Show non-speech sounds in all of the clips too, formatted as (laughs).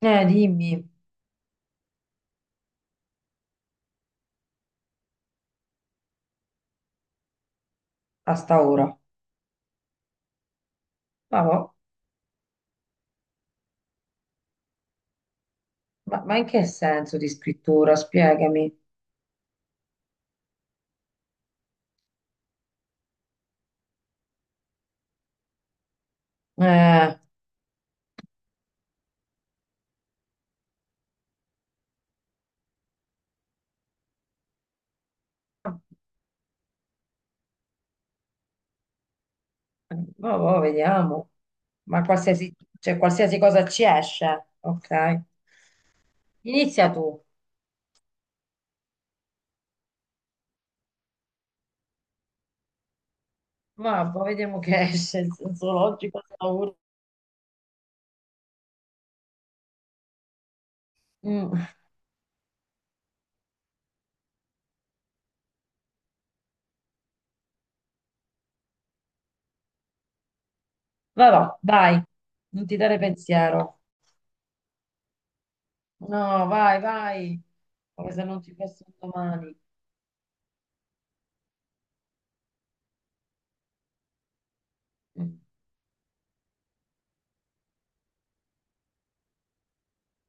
Dimmi, a sta ora. Ma, ma in che senso di scrittura? Spiegami. Eh, ma va, vediamo. Ma qualsiasi, cioè, qualsiasi cosa ci esce. Ok. Inizia tu. Ma va, vediamo che esce il senso logico. A sta ora. Mm. Va, va, vai. Non ti dare pensiero. No, vai, vai. Come se non ci fosse un domani. Mm.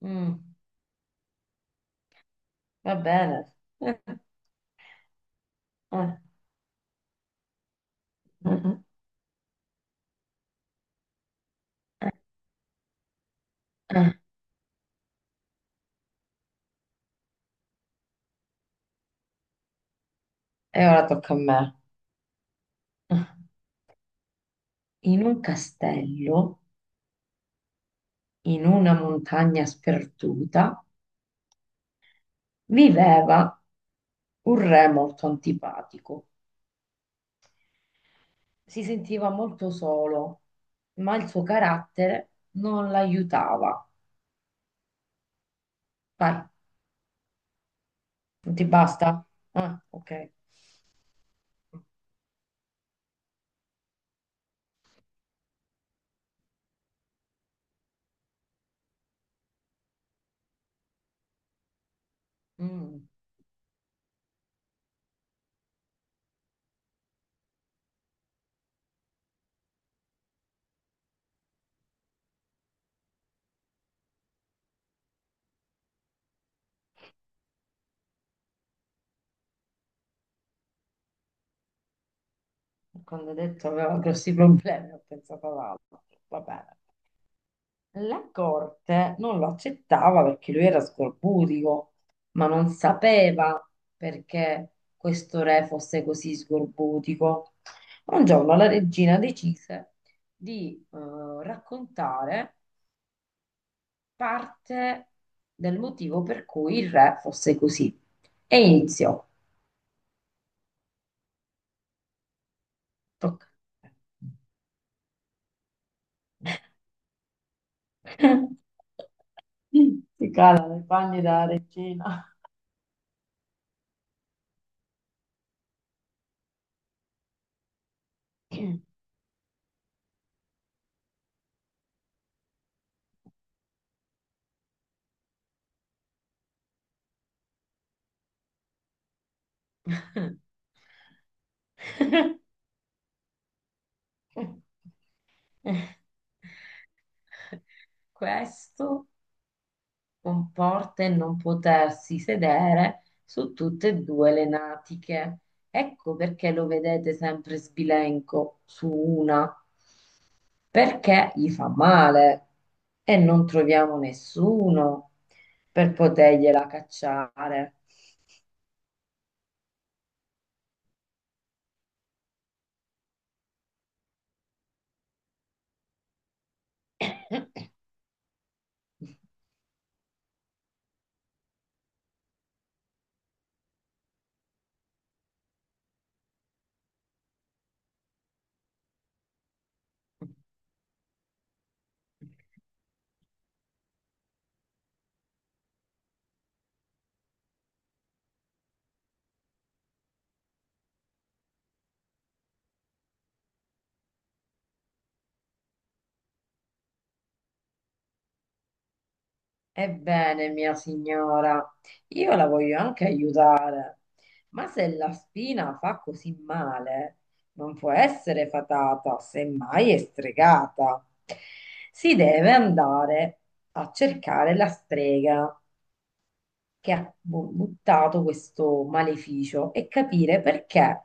Mm. Va bene. (laughs) Eh, eh, eh, eh. E ora tocca a me. In un castello, in una montagna sperduta, viveva un re molto antipatico. Si sentiva molto solo, ma il suo carattere non l'aiutava. Vai, non ti basta? Ah, ok. Mm. Quando ha detto aveva grossi problemi, ho pensato ad altro. Va bene. La corte non lo accettava perché lui era sgorbutico, ma non sapeva perché questo re fosse così sgorbutico. Un giorno la regina decise di raccontare parte del motivo per cui il re fosse così e iniziò. Tocca a te. (laughs) Si cala le panni della regina. (laughs) (laughs) Questo comporta il non potersi sedere su tutte e due le natiche. Ecco perché lo vedete sempre sbilenco su una, perché gli fa male e non troviamo nessuno per potergliela cacciare. (laughs) Ebbene, mia signora, io la voglio anche aiutare, ma se la spina fa così male, non può essere fatata, semmai è stregata. Si deve andare a cercare la strega che ha buttato questo maleficio e capire perché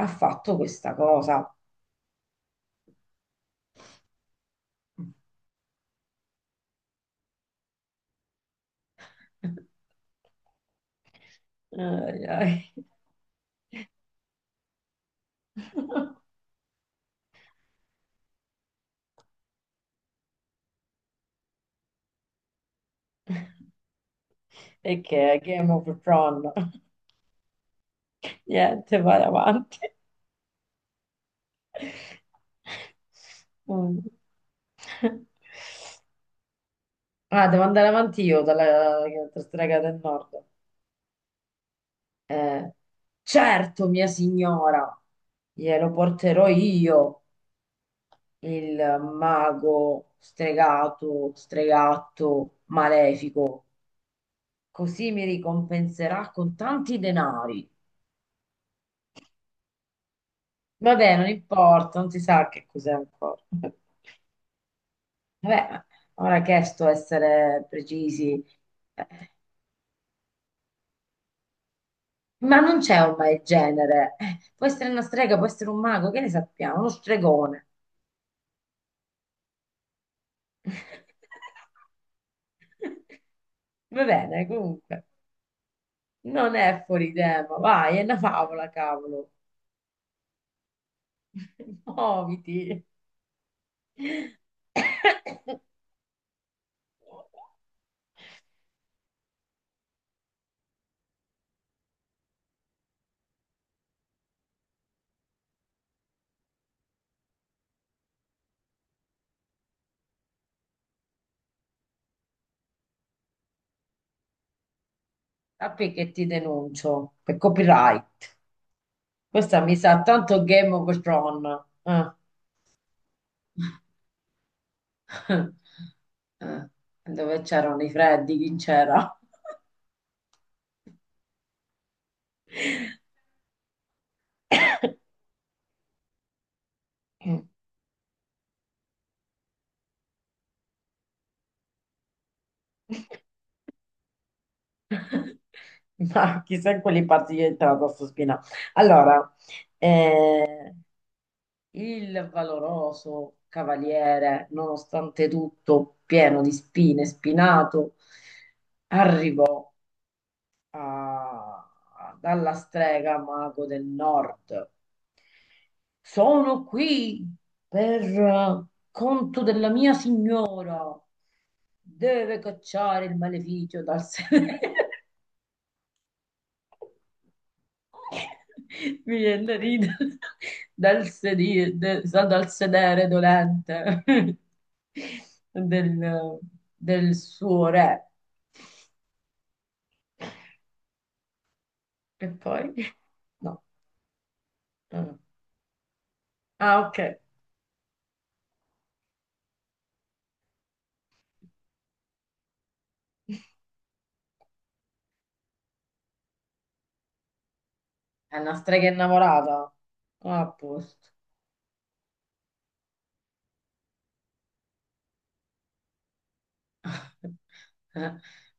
ha fatto questa cosa. (laughs) Ai, ai. Perché è Game of Thrones. (laughs) Niente, vai avanti. Mm. Ah, devo andare avanti io dalla strega del nord. Eh, certo, mia signora, glielo porterò io, il mago stregato, stregatto, malefico. Così mi ricompenserà con tanti denari. Vabbè, non importa, non si sa che cos'è ancora. (laughs) Vabbè, ora che è sto essere precisi, Eh, ma non c'è ormai il genere. Può essere una strega, può essere un mago, che ne sappiamo? Uno stregone. (laughs) Va bene, comunque, non è fuori tema, vai, è una favola, cavolo. (laughs) Muoviti. Sappi che ti denuncio per copyright. Questa mi sa tanto Game of Thrones. (laughs) Eh, dove c'erano i freddi, chi c'era? (laughs) (laughs) Ma chissà in quali parti è entrata sto spina. Allora, eh, il valoroso cavaliere, nonostante tutto pieno di spine, spinato, arrivò a- dalla strega mago del nord. Sono qui per conto della mia signora. Deve cacciare il maleficio dal sedere. (laughs) (laughs) Mi viene da ridere dal sedere dolente (laughs) del, del suo re. E poi? No, no, no. Ah, ok. È una strega innamorata. Ah, a posto. (laughs) Eh,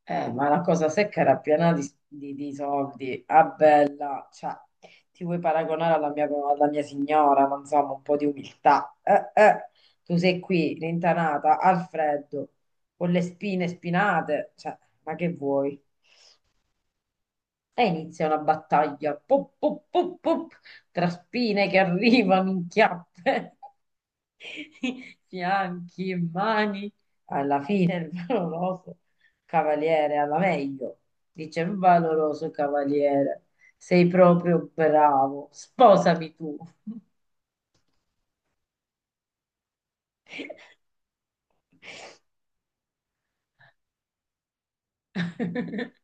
eh, ma la cosa secca era piena di, di soldi. Ah, bella, cioè, ti vuoi paragonare alla mia signora, ma insomma, un po' di umiltà. Eh, tu sei qui, rintanata, al freddo, con le spine spinate, cioè, ma che vuoi? E inizia una battaglia, pop, pop, pop, pop, tra spine che arrivano in chiappe. (laughs) (laughs) fianchi e mani, alla fine il valoroso cavaliere, alla meglio, dice il valoroso cavaliere, sei proprio bravo, sposami tu. (laughs)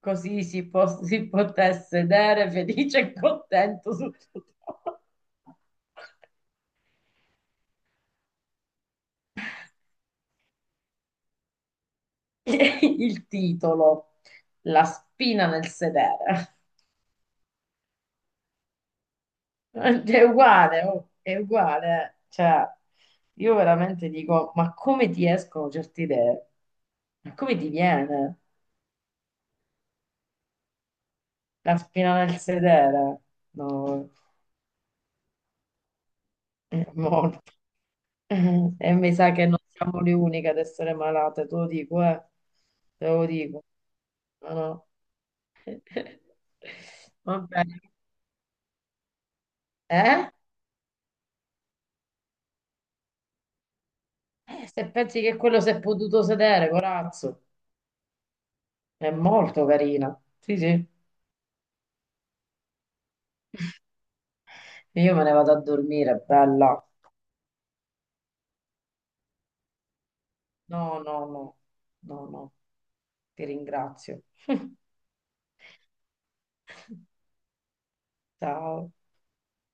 Così si, si poté sedere felice e contento sul suo trono. (laughs) Il titolo, la spina nel sedere. (laughs) È uguale, oh, è uguale. Eh. Cioè, io veramente dico, ma come ti escono certe idee? Ma come ti viene la spina nel sedere? No, è molto. (laughs) E mi sa che non siamo le uniche ad essere malate, te lo dico, eh. Te lo dico. No, no. (laughs) Va bene. Eh? Se pensi che quello si è potuto sedere, corazzo, è molto carina. Sì, sì. Io me ne vado a dormire, bella. No, no, no, no, no, ti ringrazio. (laughs) Ciao.